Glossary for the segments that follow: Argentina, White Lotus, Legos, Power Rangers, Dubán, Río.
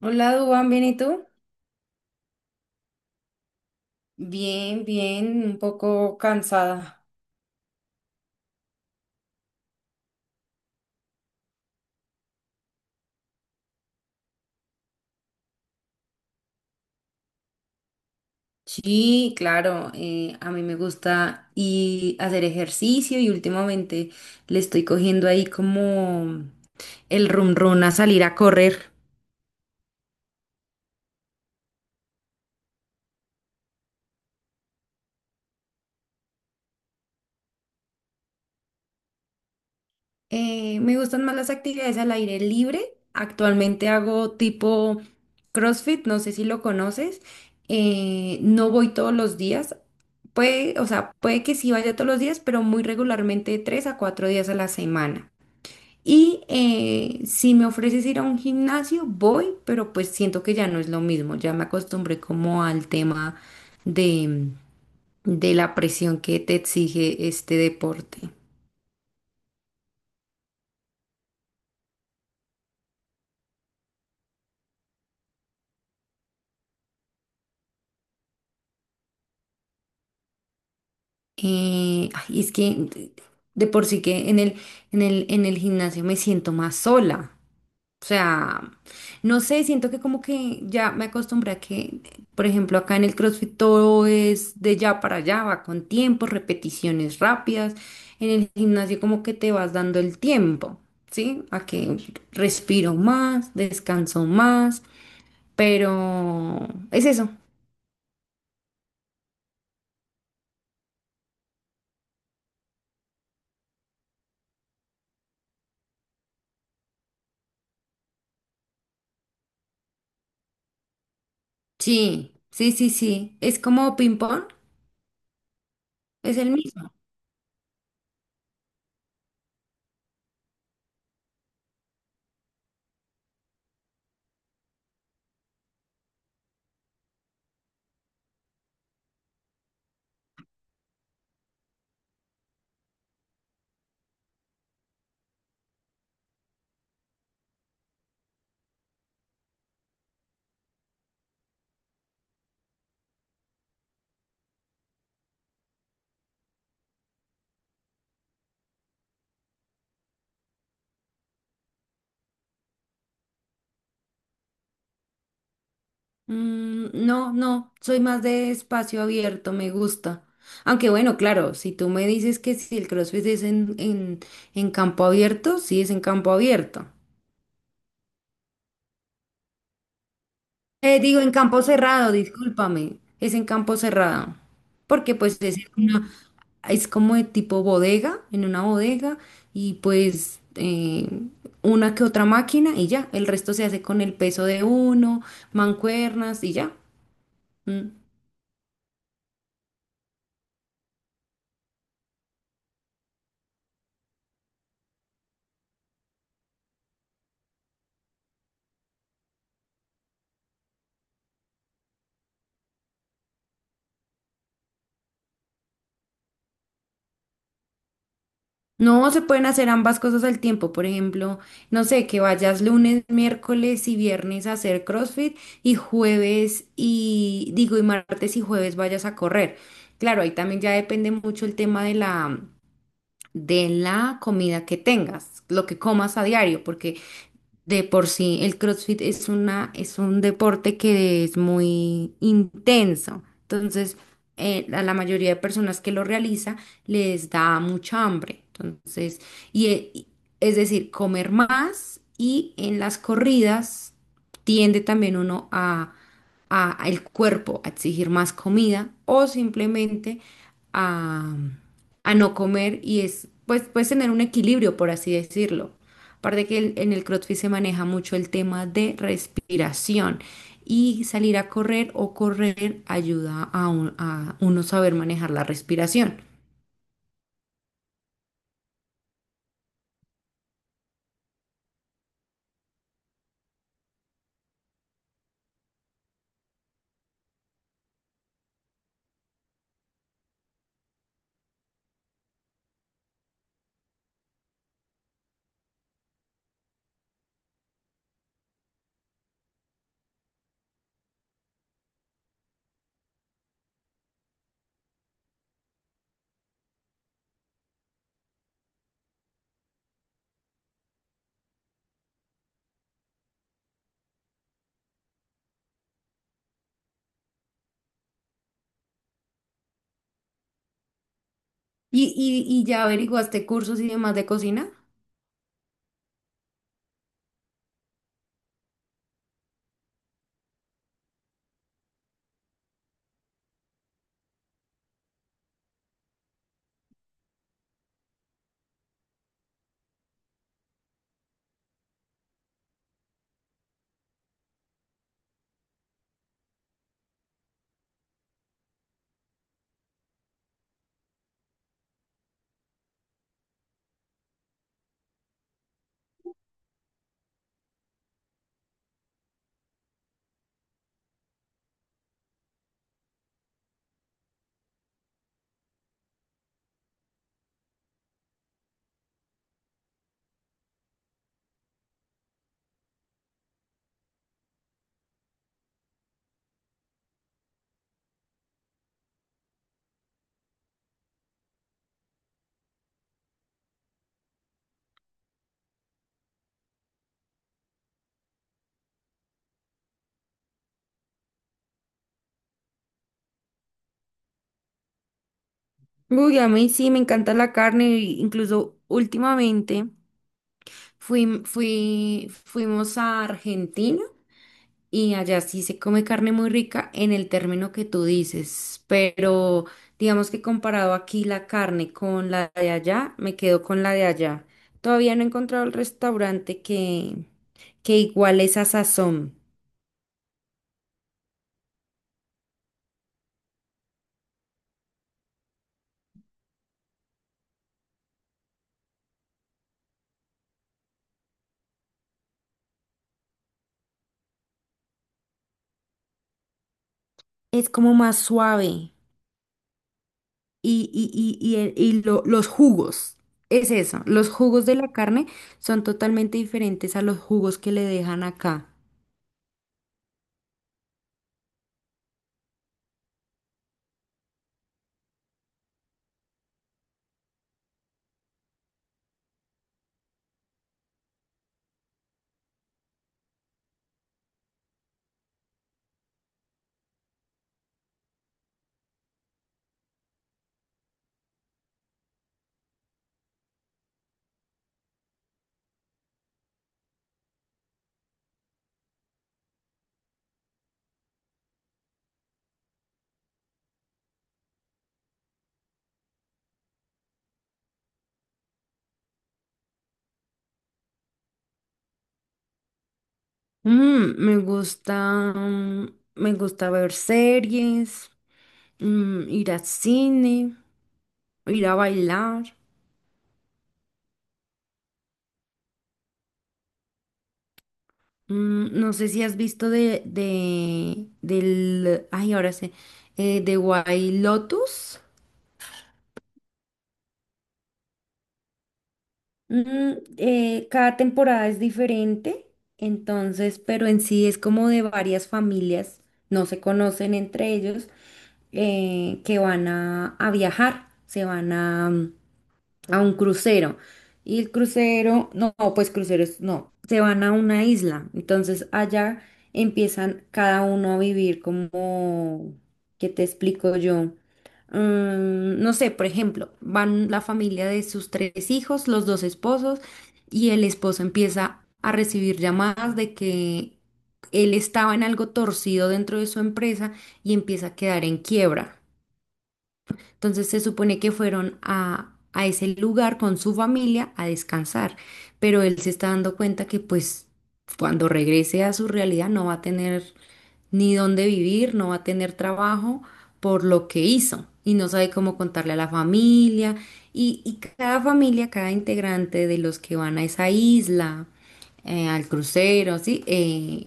Hola, Dubán, ¿bien y tú? Bien, bien, un poco cansada. Sí, claro, a mí me gusta y hacer ejercicio y últimamente le estoy cogiendo ahí como el run run a salir a correr. Me gustan más las actividades al aire libre. Actualmente hago tipo CrossFit, no sé si lo conoces. No voy todos los días. Puede, o sea, puede que sí vaya todos los días, pero muy regularmente 3 a 4 días a la semana. Y si me ofreces ir a un gimnasio, voy, pero pues siento que ya no es lo mismo. Ya me acostumbré como al tema de, de la presión que te exige este deporte. Ay, es que de por sí que en el gimnasio me siento más sola. O sea, no sé, siento que como que ya me acostumbré a que, por ejemplo, acá en el CrossFit todo es de ya para allá, va con tiempo, repeticiones rápidas. En el gimnasio como que te vas dando el tiempo, ¿sí? A que respiro más, descanso más, pero es eso. Sí, sí, sí, sí. Es como ping-pong, es el mismo. No, no, soy más de espacio abierto, me gusta. Aunque bueno, claro, si tú me dices que si el CrossFit es en campo abierto, sí es en campo abierto. Digo, en campo cerrado, discúlpame, es en campo cerrado. Porque pues es una, es como de tipo bodega, en una bodega, y pues una que otra máquina y ya, el resto se hace con el peso de uno, mancuernas y ya. Mm. No se pueden hacer ambas cosas al tiempo. Por ejemplo, no sé, que vayas lunes, miércoles y viernes a hacer CrossFit y jueves y digo, y martes y jueves vayas a correr. Claro, ahí también ya depende mucho el tema de la comida que tengas, lo que comas a diario, porque de por sí, el CrossFit es una, es un deporte que es muy intenso. Entonces, a la mayoría de personas que lo realiza les da mucha hambre. Entonces, y, es decir, comer más y en las corridas tiende también uno a al cuerpo a exigir más comida o simplemente a, a no comer y es, pues, puedes tener un equilibrio, por así decirlo. Aparte que en el CrossFit se maneja mucho el tema de respiración y salir a correr o correr ayuda a uno saber manejar la respiración. ¿Y ya averiguaste cursos y demás de cocina? Uy, a mí sí, me encanta la carne, incluso últimamente. Fuimos a Argentina y allá sí se come carne muy rica en el término que tú dices, pero digamos que comparado aquí la carne con la de allá, me quedo con la de allá. Todavía no he encontrado el restaurante que igual esa sazón. Es como más suave y los jugos. Es eso, los jugos de la carne son totalmente diferentes a los jugos que le dejan acá. Me gusta, me gusta ver series, ir al cine, ir a bailar. No sé si has visto del, ay, ahora sé, de White Lotus. Cada temporada es diferente, entonces, pero en sí es como de varias familias, no se conocen entre ellos, que van a viajar, se van a un crucero. Y el crucero, no, pues cruceros, no, se van a una isla. Entonces allá empiezan cada uno a vivir como, ¿qué te explico yo? No sé, por ejemplo, van la familia de sus tres hijos, los dos esposos, y el esposo empieza a recibir llamadas de que él estaba en algo torcido dentro de su empresa y empieza a quedar en quiebra. Entonces se supone que fueron a ese lugar con su familia a descansar, pero él se está dando cuenta que pues cuando regrese a su realidad no va a tener ni dónde vivir, no va a tener trabajo por lo que hizo y no sabe cómo contarle a la familia y cada familia, cada integrante de los que van a esa isla al crucero, así,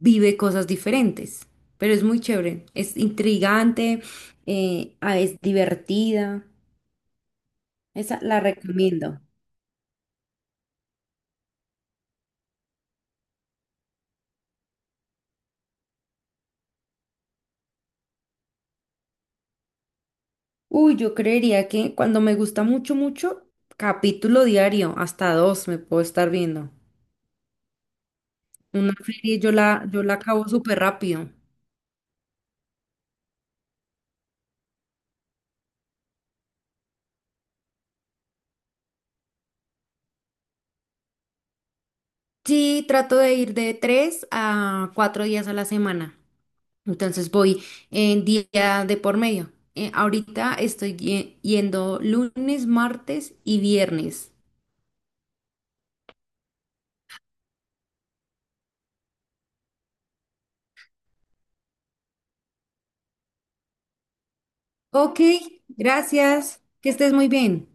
vive cosas diferentes. Pero es muy chévere, es intrigante, ah, es divertida. Esa la recomiendo. Uy, yo creería que cuando me gusta mucho, mucho, capítulo diario, hasta dos me puedo estar viendo. Una serie yo la acabo súper rápido. Sí, trato de ir de 3 a 4 días a la semana. Entonces voy en día de por medio. Ahorita estoy yendo lunes, martes y viernes. Ok, gracias. Que estés muy bien.